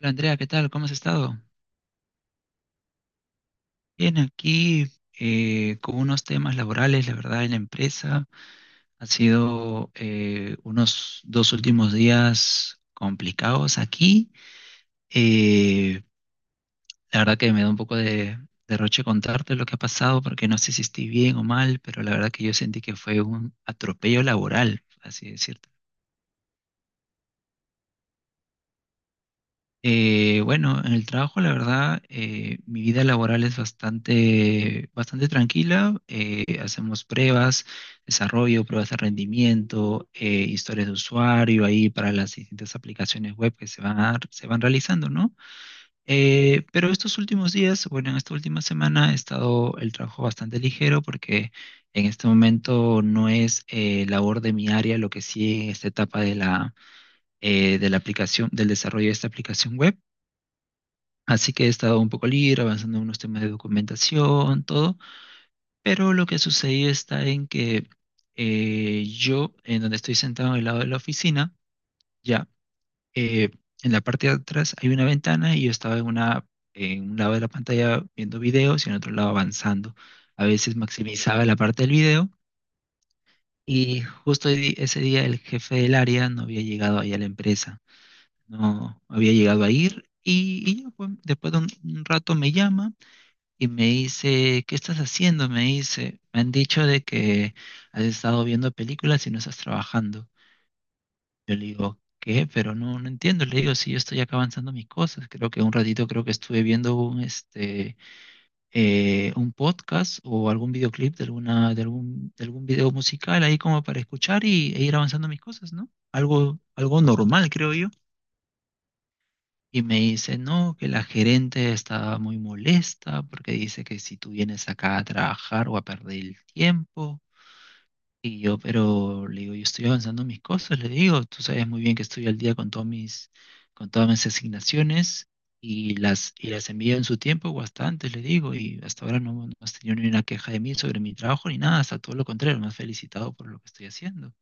Hola Andrea, ¿qué tal? ¿Cómo has estado? Bien, aquí con unos temas laborales, la verdad, en la empresa. Han sido unos 2 últimos días complicados aquí. Eh, la verdad que me da un poco de derroche contarte lo que ha pasado, porque no sé si estoy bien o mal, pero la verdad que yo sentí que fue un atropello laboral, así decirlo. Bueno, en el trabajo, la verdad, mi vida laboral es bastante, bastante tranquila. Hacemos pruebas, desarrollo, pruebas de rendimiento, historias de usuario ahí para las distintas aplicaciones web que se van, se van realizando, ¿no? Pero estos últimos días, bueno, en esta última semana he estado el trabajo bastante ligero porque en este momento no es labor de mi área lo que sí en esta etapa de la aplicación, del desarrollo de esta aplicación web. Así que he estado un poco libre, avanzando en unos temas de documentación, todo, pero lo que sucedió está en que yo, en donde estoy sentado en el lado de la oficina, ya, eh, en la parte de atrás hay una ventana y yo estaba en un lado de la pantalla viendo videos y en otro lado avanzando. A veces maximizaba la parte del video y justo ese día el jefe del área no había llegado ahí a la empresa, no había llegado a ir y ya, pues, después de un rato me llama. Y me dice, ¿qué estás haciendo? Me dice, me han dicho de que has estado viendo películas y no estás trabajando. Yo le digo, ¿qué? Pero no, no entiendo. Le digo, sí, yo estoy acá avanzando mis cosas. Creo que un ratito creo que estuve viendo un podcast o algún videoclip de alguna, de algún video musical ahí como para escuchar y, e ir avanzando mis cosas, ¿no? Algo, algo normal, creo. Y me dice, no, que la gerente está muy molesta porque dice que si tú vienes acá a trabajar o a perder el tiempo. Y yo, pero le digo, yo estoy avanzando en mis cosas, le digo, tú sabes muy bien que estoy al día con todos mis, con todas mis asignaciones y las envío en su tiempo o hasta antes, le digo, y hasta ahora no, no has tenido ni una queja de mí sobre mi trabajo ni nada, hasta todo lo contrario, me has felicitado por lo que estoy haciendo.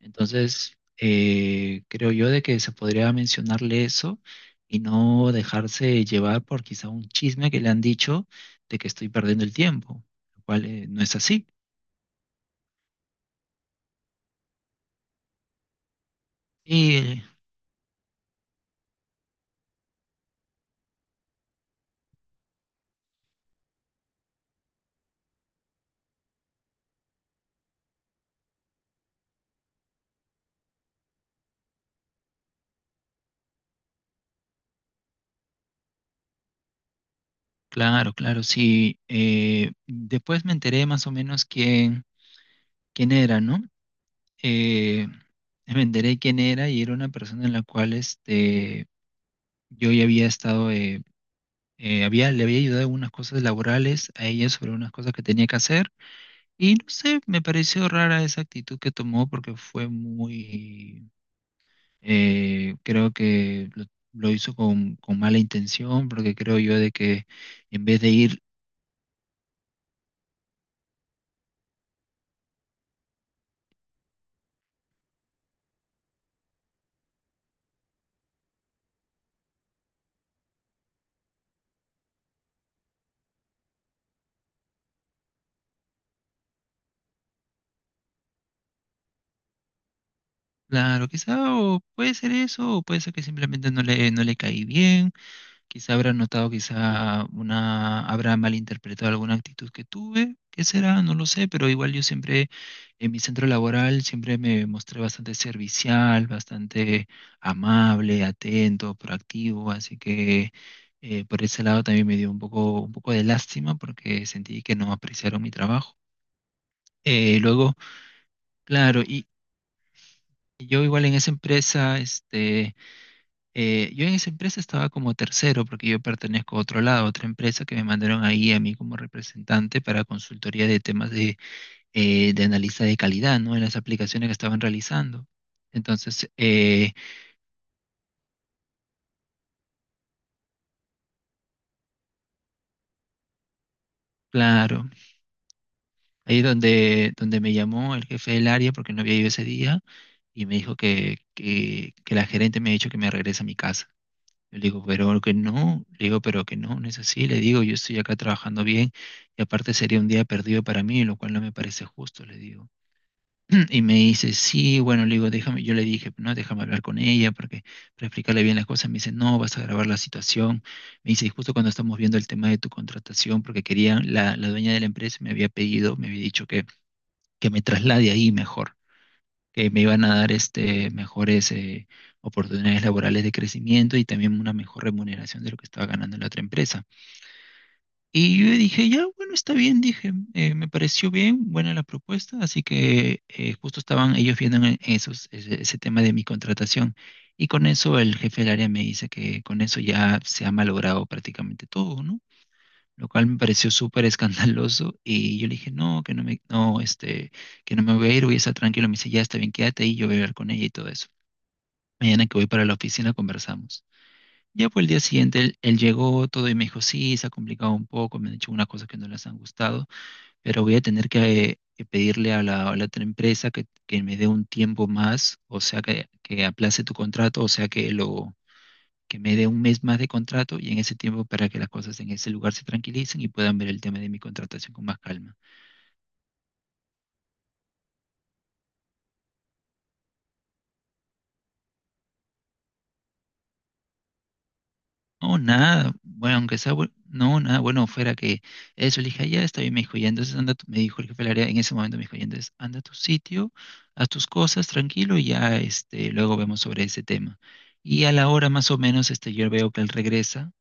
Entonces, creo yo de que se podría mencionarle eso y no dejarse llevar por quizá un chisme que le han dicho de que estoy perdiendo el tiempo, lo cual no es así. Y claro, claro, sí. Después me enteré más o menos quién era, ¿no? Eh, Me enteré quién era y era una persona en la cual yo ya había estado, le había ayudado en unas cosas laborales a ella sobre unas cosas que tenía que hacer. Y no sé, me pareció rara esa actitud que tomó porque fue muy, creo que lo hizo con mala intención, porque creo yo de que en vez de ir, claro, quizá o puede ser eso, o puede ser que simplemente no le, no le caí bien. Quizá habrá notado, quizá una, habrá malinterpretado alguna actitud que tuve, qué será, no lo sé, pero igual yo siempre en mi centro laboral siempre me mostré bastante servicial, bastante amable, atento, proactivo, así que por ese lado también me dio un poco de lástima porque sentí que no apreciaron mi trabajo. Luego, claro, y yo igual en esa empresa, yo en esa empresa estaba como tercero porque yo pertenezco a otro lado, a otra empresa que me mandaron ahí a mí como representante para consultoría de temas de analista de calidad, ¿no? En las aplicaciones que estaban realizando. Entonces, claro, ahí donde me llamó el jefe del área porque no había ido ese día y me dijo que la gerente me ha dicho que me regrese a mi casa. Yo le digo, pero que no, le digo, pero que no, no es así, le digo, yo estoy acá trabajando bien y aparte sería un día perdido para mí, lo cual no me parece justo, le digo. Y me dice, sí, bueno, le digo, déjame, yo le dije, no, déjame hablar con ella porque, para explicarle bien las cosas, me dice, no, vas a agravar la situación. Me dice, y justo cuando estamos viendo el tema de tu contratación, porque quería, la dueña de la empresa me había pedido, me había dicho que me traslade ahí mejor que me iban a dar este, mejores oportunidades laborales de crecimiento y también una mejor remuneración de lo que estaba ganando en la otra empresa. Y yo dije, ya, bueno, está bien, dije, me pareció bien, buena la propuesta, así que justo estaban ellos viendo en ese tema de mi contratación. Y con eso el jefe del área me dice que con eso ya se ha malogrado prácticamente todo, ¿no? Lo cual me pareció súper escandaloso y yo le dije, no, que no me, no, que no me voy a ir, voy a estar tranquilo. Me dice, ya está bien, quédate ahí, yo voy a hablar con ella y todo eso. Mañana que voy para la oficina conversamos. Ya fue el día siguiente, él llegó todo y me dijo, sí, se ha complicado un poco, me han hecho unas cosas que no les han gustado, pero voy a tener que pedirle a la otra empresa que me dé un tiempo más, o sea, que aplace tu contrato, o sea, que lo que me dé un mes más de contrato y en ese tiempo para que las cosas en ese lugar se tranquilicen y puedan ver el tema de mi contratación con más calma. No, nada, bueno, aunque sea, no, nada, bueno, fuera que eso, le dije, "Ah, ya está bien, me dijo, ya, entonces anda, me dijo el jefe del área, en ese momento me dijo, ya, entonces anda a tu sitio, haz tus cosas, tranquilo, y ya, luego vemos sobre ese tema. Y a la hora más o menos, yo veo que él regresa,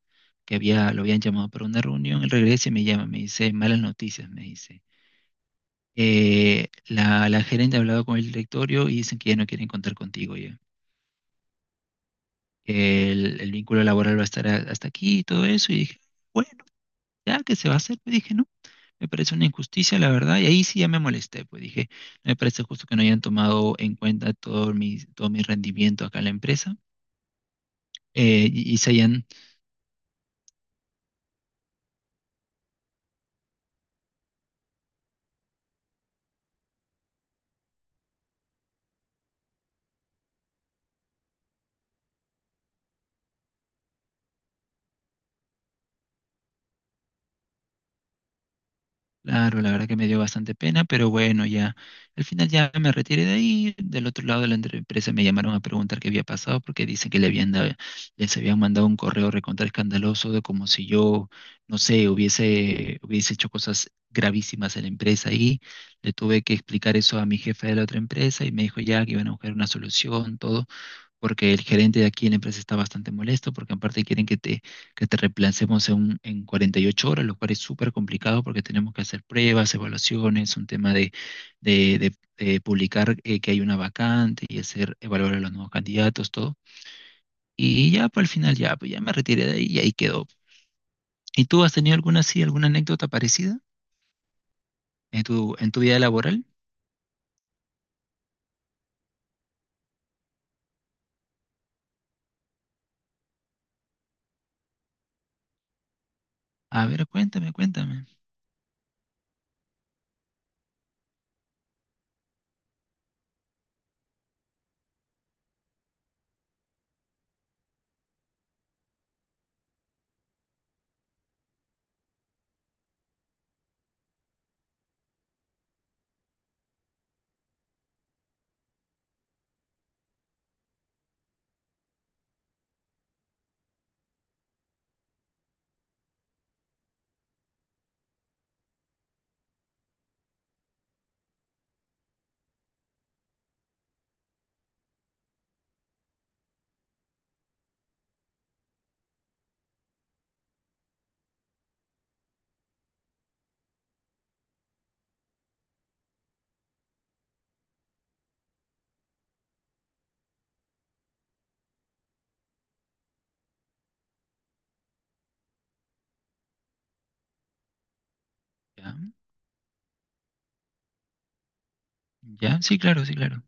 que había, lo habían llamado para una reunión, él regresa y me llama, me dice, malas noticias, me dice. La, la gerente ha hablado con el directorio y dicen que ya no quieren contar contigo ya. Que el vínculo laboral va a estar hasta aquí y todo eso. Y dije, bueno, ya que se va a hacer, pues dije, no, me parece una injusticia, la verdad. Y ahí sí ya me molesté, pues dije, no me parece justo que no hayan tomado en cuenta todo mi rendimiento acá en la empresa. Y se hayan. Claro, la verdad que me dio bastante pena, pero bueno, ya al final ya me retiré de ahí. Del otro lado de la empresa me llamaron a preguntar qué había pasado porque dicen que les habían mandado un correo recontra escandaloso de como si yo, no sé, hubiese, hubiese hecho cosas gravísimas en la empresa y le tuve que explicar eso a mi jefe de la otra empresa y me dijo ya que iban a buscar una solución, todo porque el gerente de aquí en la empresa está bastante molesto, porque aparte quieren que te reemplacemos en, en 48 horas, lo cual es súper complicado porque tenemos que hacer pruebas, evaluaciones, un tema de, de- de publicar que hay una vacante y hacer evaluar a los nuevos candidatos, todo. Y ya para el final, ya, pues ya me retiré de ahí y ahí quedó. ¿Y tú has tenido alguna así, alguna anécdota parecida en tu vida laboral? A ver, cuéntame, cuéntame. Ya, ya, sí, claro, sí, claro.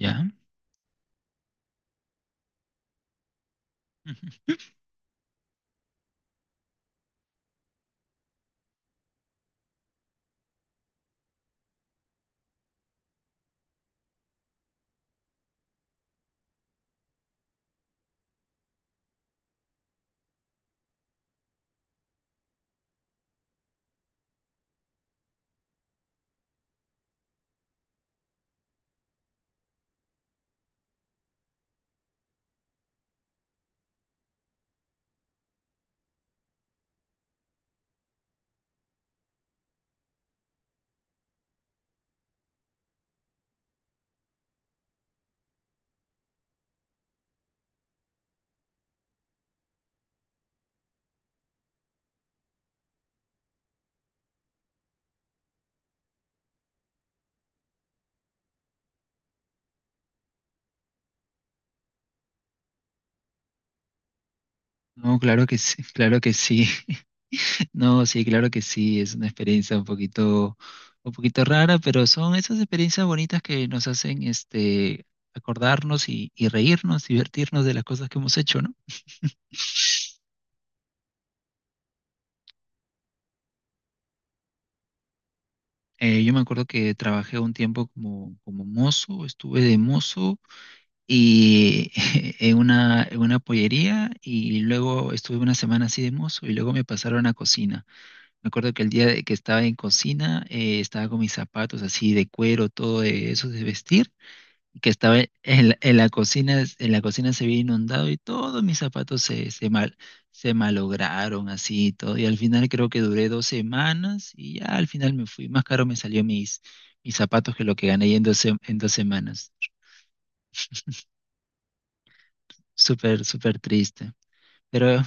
Ya. No, claro que sí, claro que sí. No, sí, claro que sí, es una experiencia un poquito rara, pero son esas experiencias bonitas que nos hacen acordarnos y reírnos, divertirnos de las cosas que hemos hecho, ¿no? Yo me acuerdo que trabajé un tiempo como, como mozo, estuve de mozo y en una pollería y luego estuve una semana así de mozo y luego me pasaron a cocina. Me acuerdo que el día de que estaba en cocina estaba con mis zapatos así de cuero, todo de esos de vestir. Que estaba en la cocina se había inundado y todos mis zapatos se malograron así y todo. Y al final creo que duré 2 semanas y ya al final me fui. Más caro me salió mis, mis zapatos que lo que gané en dos semanas. Súper, súper triste. Pero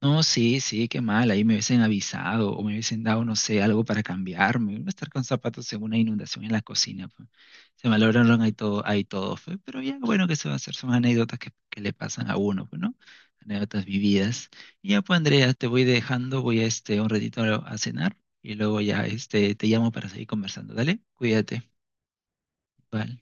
no, sí, sí, qué mal, ahí me hubiesen avisado o me hubiesen dado, no sé, algo para cambiarme. No estar con zapatos en una inundación en la cocina, pues. Se malograron ahí todo, fue. Pero ya, bueno, ¿que se va a hacer? Son anécdotas que le pasan a uno, pues, ¿no? Anécdotas vividas. Y ya, pues, Andrea, te voy dejando, voy a un ratito a cenar y luego ya, te llamo para seguir conversando. Dale, cuídate. Vale.